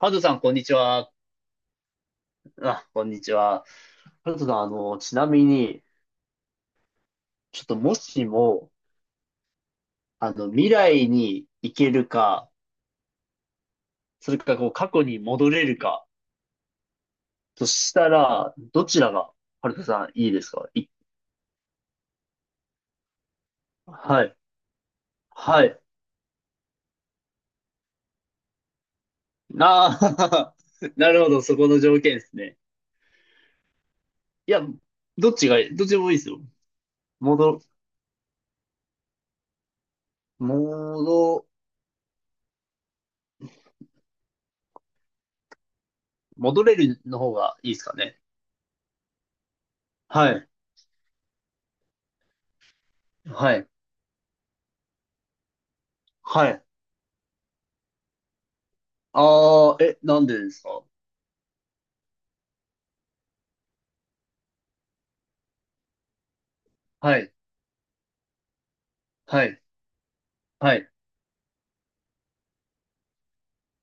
ハルトさん、こんにちは。あ、こんにちは。ハルトさん、ちなみに、ちょっともしも、未来に行けるか、それか、こう、過去に戻れるか、としたら、どちらが、ハルトさん、いいですかい。はい。はい。あなるほど、そこの条件ですね。いや、どっちがいい、どっちでもいいですよ。戻、戻、戻れるの方がいいですかね。はい。はい。はい。ああ、え、なんでですか？はい。はい、はい、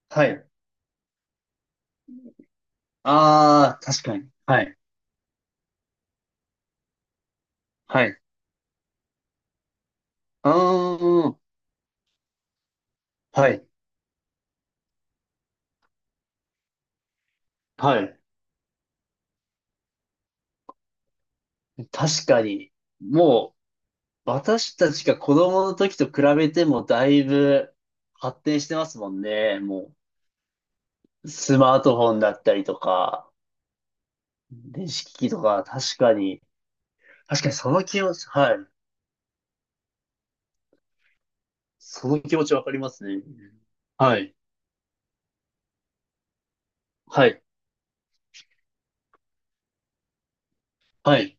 はい。ああ、確かに。はい、はい。うーん、はい、はい。確かに。もう、私たちが子供の時と比べてもだいぶ発展してますもんね。もう、スマートフォンだったりとか、電子機器とか、確かに。確かにその気持ち、はい。その気持ちわかりますね。はい、はい、はい、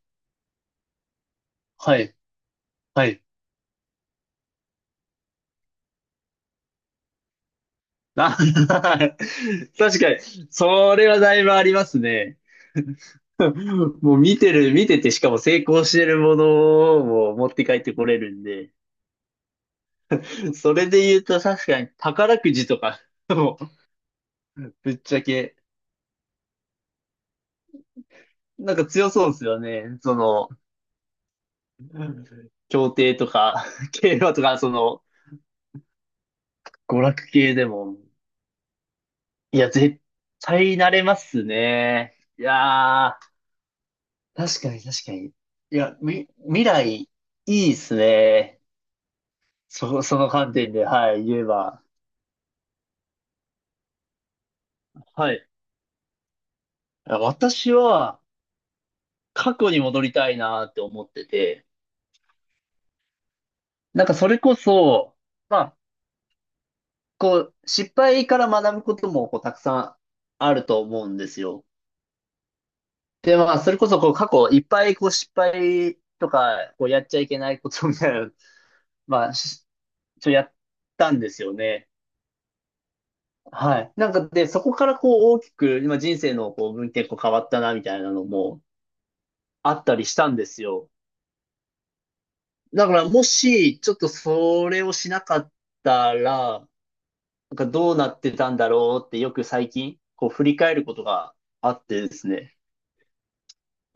はい、はい。あ、確かに、それはだいぶありますね。もう見てて、しかも成功してるものを持って帰ってこれるんで、それで言うと確かに宝くじとか、もうぶっちゃけ、なんか強そうですよね。その、競艇とか、競馬とか、その、娯楽系でも。いや、絶対慣れますね。いやー。確かに確かに。いや、未来、いいですね。その観点で、はい、言えば。はい。私は、過去に戻りたいなって思ってて、なんかそれこそ、まあ、こう、失敗から学ぶことも、こう、たくさんあると思うんですよ。で、まあ、それこそ、こう、過去、いっぱい、こう、失敗とか、こう、やっちゃいけないことみたいなの、まあ、しちょ、やったんですよね。はい。なんかで、そこからこう大きく、今人生のこう分岐点こう変わったなみたいなのもあったりしたんですよ。だからもし、ちょっとそれをしなかったら、なんかどうなってたんだろうってよく最近、こう振り返ることがあってですね。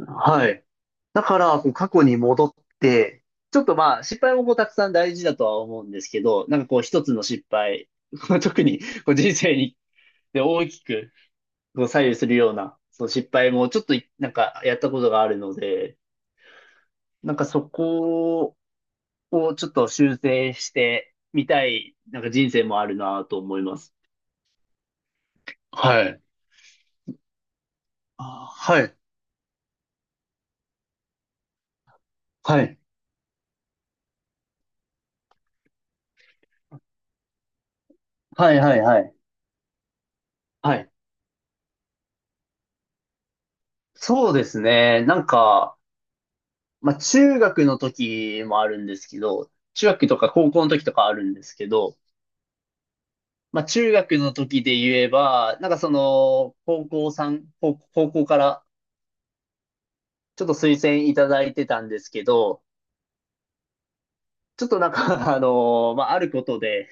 はい。だから、こう過去に戻って、ちょっとまあ、失敗もこうたくさん大事だとは思うんですけど、なんかこう一つの失敗、特にこう人生にで大きくこう左右するような、その失敗もちょっとい、なんかやったことがあるので、なんかそこをちょっと修正してみたい、なんか人生もあるなと思います。はい。あ、はい。はい。はいはいはい。はい。そうですね。なんか、まあ中学の時もあるんですけど、中学とか高校の時とかあるんですけど、まあ中学の時で言えば、なんかその、高校さん、高高校からちょっと推薦いただいてたんですけど、ちょっとなんか、まあ、あることで、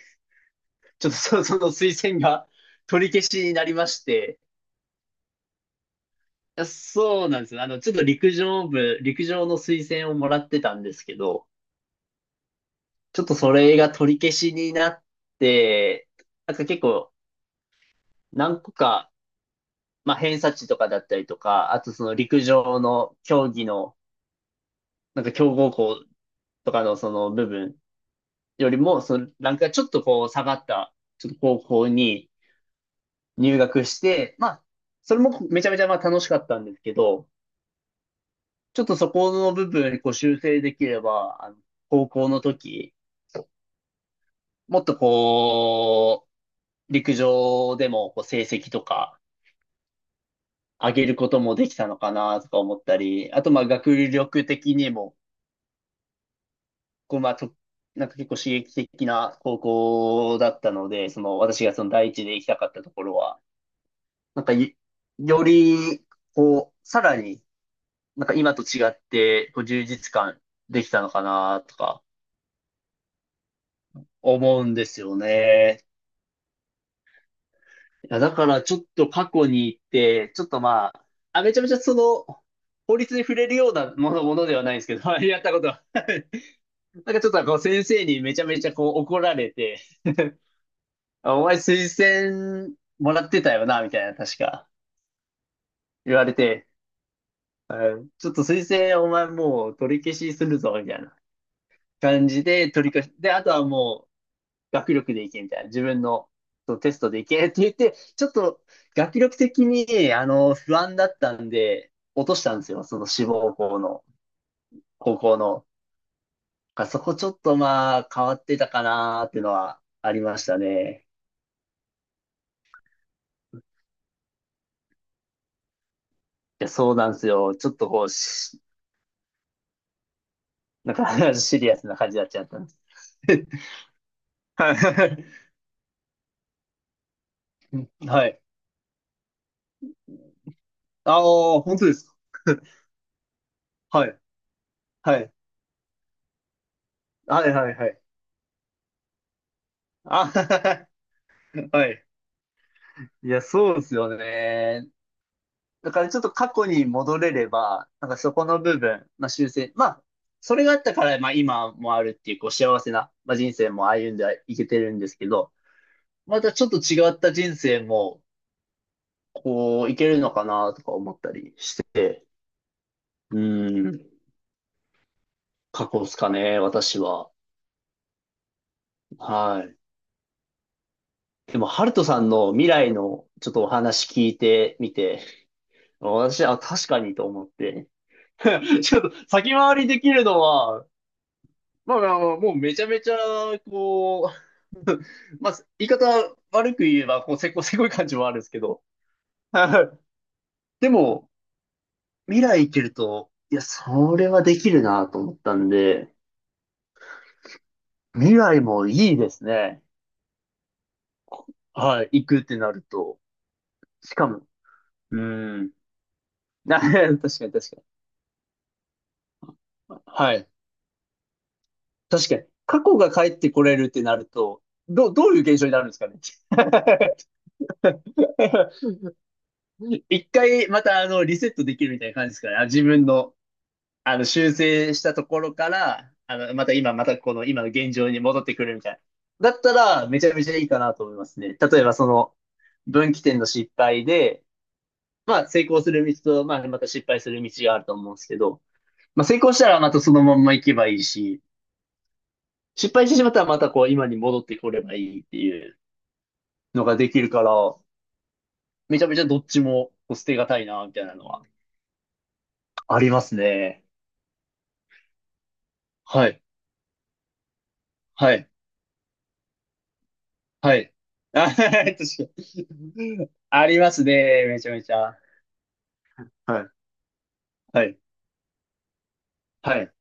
ちょっとそ、その推薦が取り消しになりまして、いや、そうなんですよ。ちょっと陸上部、陸上の推薦をもらってたんですけど、ちょっとそれが取り消しになって、なんか結構何個か、まあ、偏差値とかだったりとか、あとその陸上の競技の、なんか強豪校とかのその部分よりも、そのランクがちょっとこう下がった、ちょっと高校に、入学して、まあ、それもめちゃめちゃまあ楽しかったんですけど、ちょっとそこの部分こう修正できれば、高校の時、もっとこう、陸上でもこう成績とか上げることもできたのかなとか思ったり、あとまあ学力的にも、こうまあと、なんか結構刺激的な高校だったので、その私がその第一で行きたかったところは、なんかいより、こう、さらになんか今と違って、こう充実感できたのかなとか思うんですよね。いや、だからちょっと過去に行って、ちょっとまあ、あ、めちゃめちゃその、法律に触れるようなものではないんですけど、やったことは。なんかちょっとこう先生にめちゃめちゃこう怒られて、あ、お前推薦もらってたよな、みたいな、確か言われて、うんちょっと推薦お前もう取り消しするぞ、みたいな。感じで取り返し、で、あとはもう学力でいけみたいな、自分のそうテストでいけって言って、ちょっと学力的に、不安だったんで、落としたんですよ、その志望校の、高校の。だからそこちょっとまあ変わってたかなーっていうのはありましたね。いや、そうなんですよ。ちょっとこう、なんか シリアスな感じになっちゃったんです。はい。はい。ああ、本当ですか。はい。はい。はい、はい、はい。あ はい。いや、そうですよね。だからちょっと過去に戻れれば、なんかそこの部分、まあ修正、まあ、それがあったから、まあ今もあるっていう、こう幸せな、まあ、人生も歩んでいけてるんですけど、またちょっと違った人生も、こう、いけるのかなとか思ったりして、うん、過去ですかね、私は。はい。でも、ハルトさんの未来のちょっとお話聞いてみて、私はあ、確かにと思って、ちょっと先回りできるのは、まあまあ、もうめちゃめちゃ、こう、まあ、言い方悪く言えば、こう、せこせこい感じもあるんですけど。はい。でも、未来行けると、いや、それはできるなと思ったんで、未来もいいですね。はい、行くってなると。しかも、うん。確かに確かに。はい。確かに。過去が帰ってこれるってなると、どういう現象になるんですかね。一回またリセットできるみたいな感じですから、あ、自分のあの修正したところから、また今、またこの今の現状に戻ってくるみたいな。だったらめちゃめちゃいいかなと思いますね。例えばその分岐点の失敗で、まあ成功する道と、まあまた失敗する道があると思うんですけど、まあ成功したらまたそのまんま行けばいいし、失敗してしまったらまたこう今に戻ってこればいいっていうのができるから、めちゃめちゃどっちもこう捨てがたいな、みたいなのはありますね。はい。はい。はい。あ、確かに。ありますね。めちゃめちゃ。はい。はい。はい。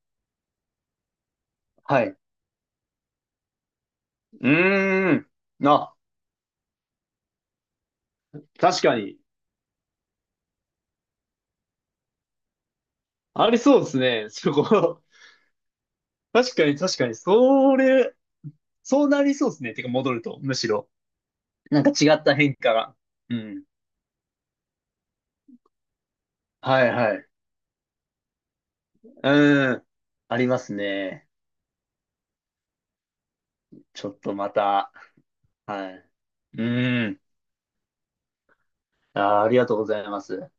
はい。うーん。な、確かに。ありそうですね。そこ。確かに、確かに。それ、そうなりそうですね。てか、戻ると、むしろ。なんか違った変化が。うん。はい、はい。うーん。ありますね。ちょっとまた。はい。うーん。あー、ありがとうございます。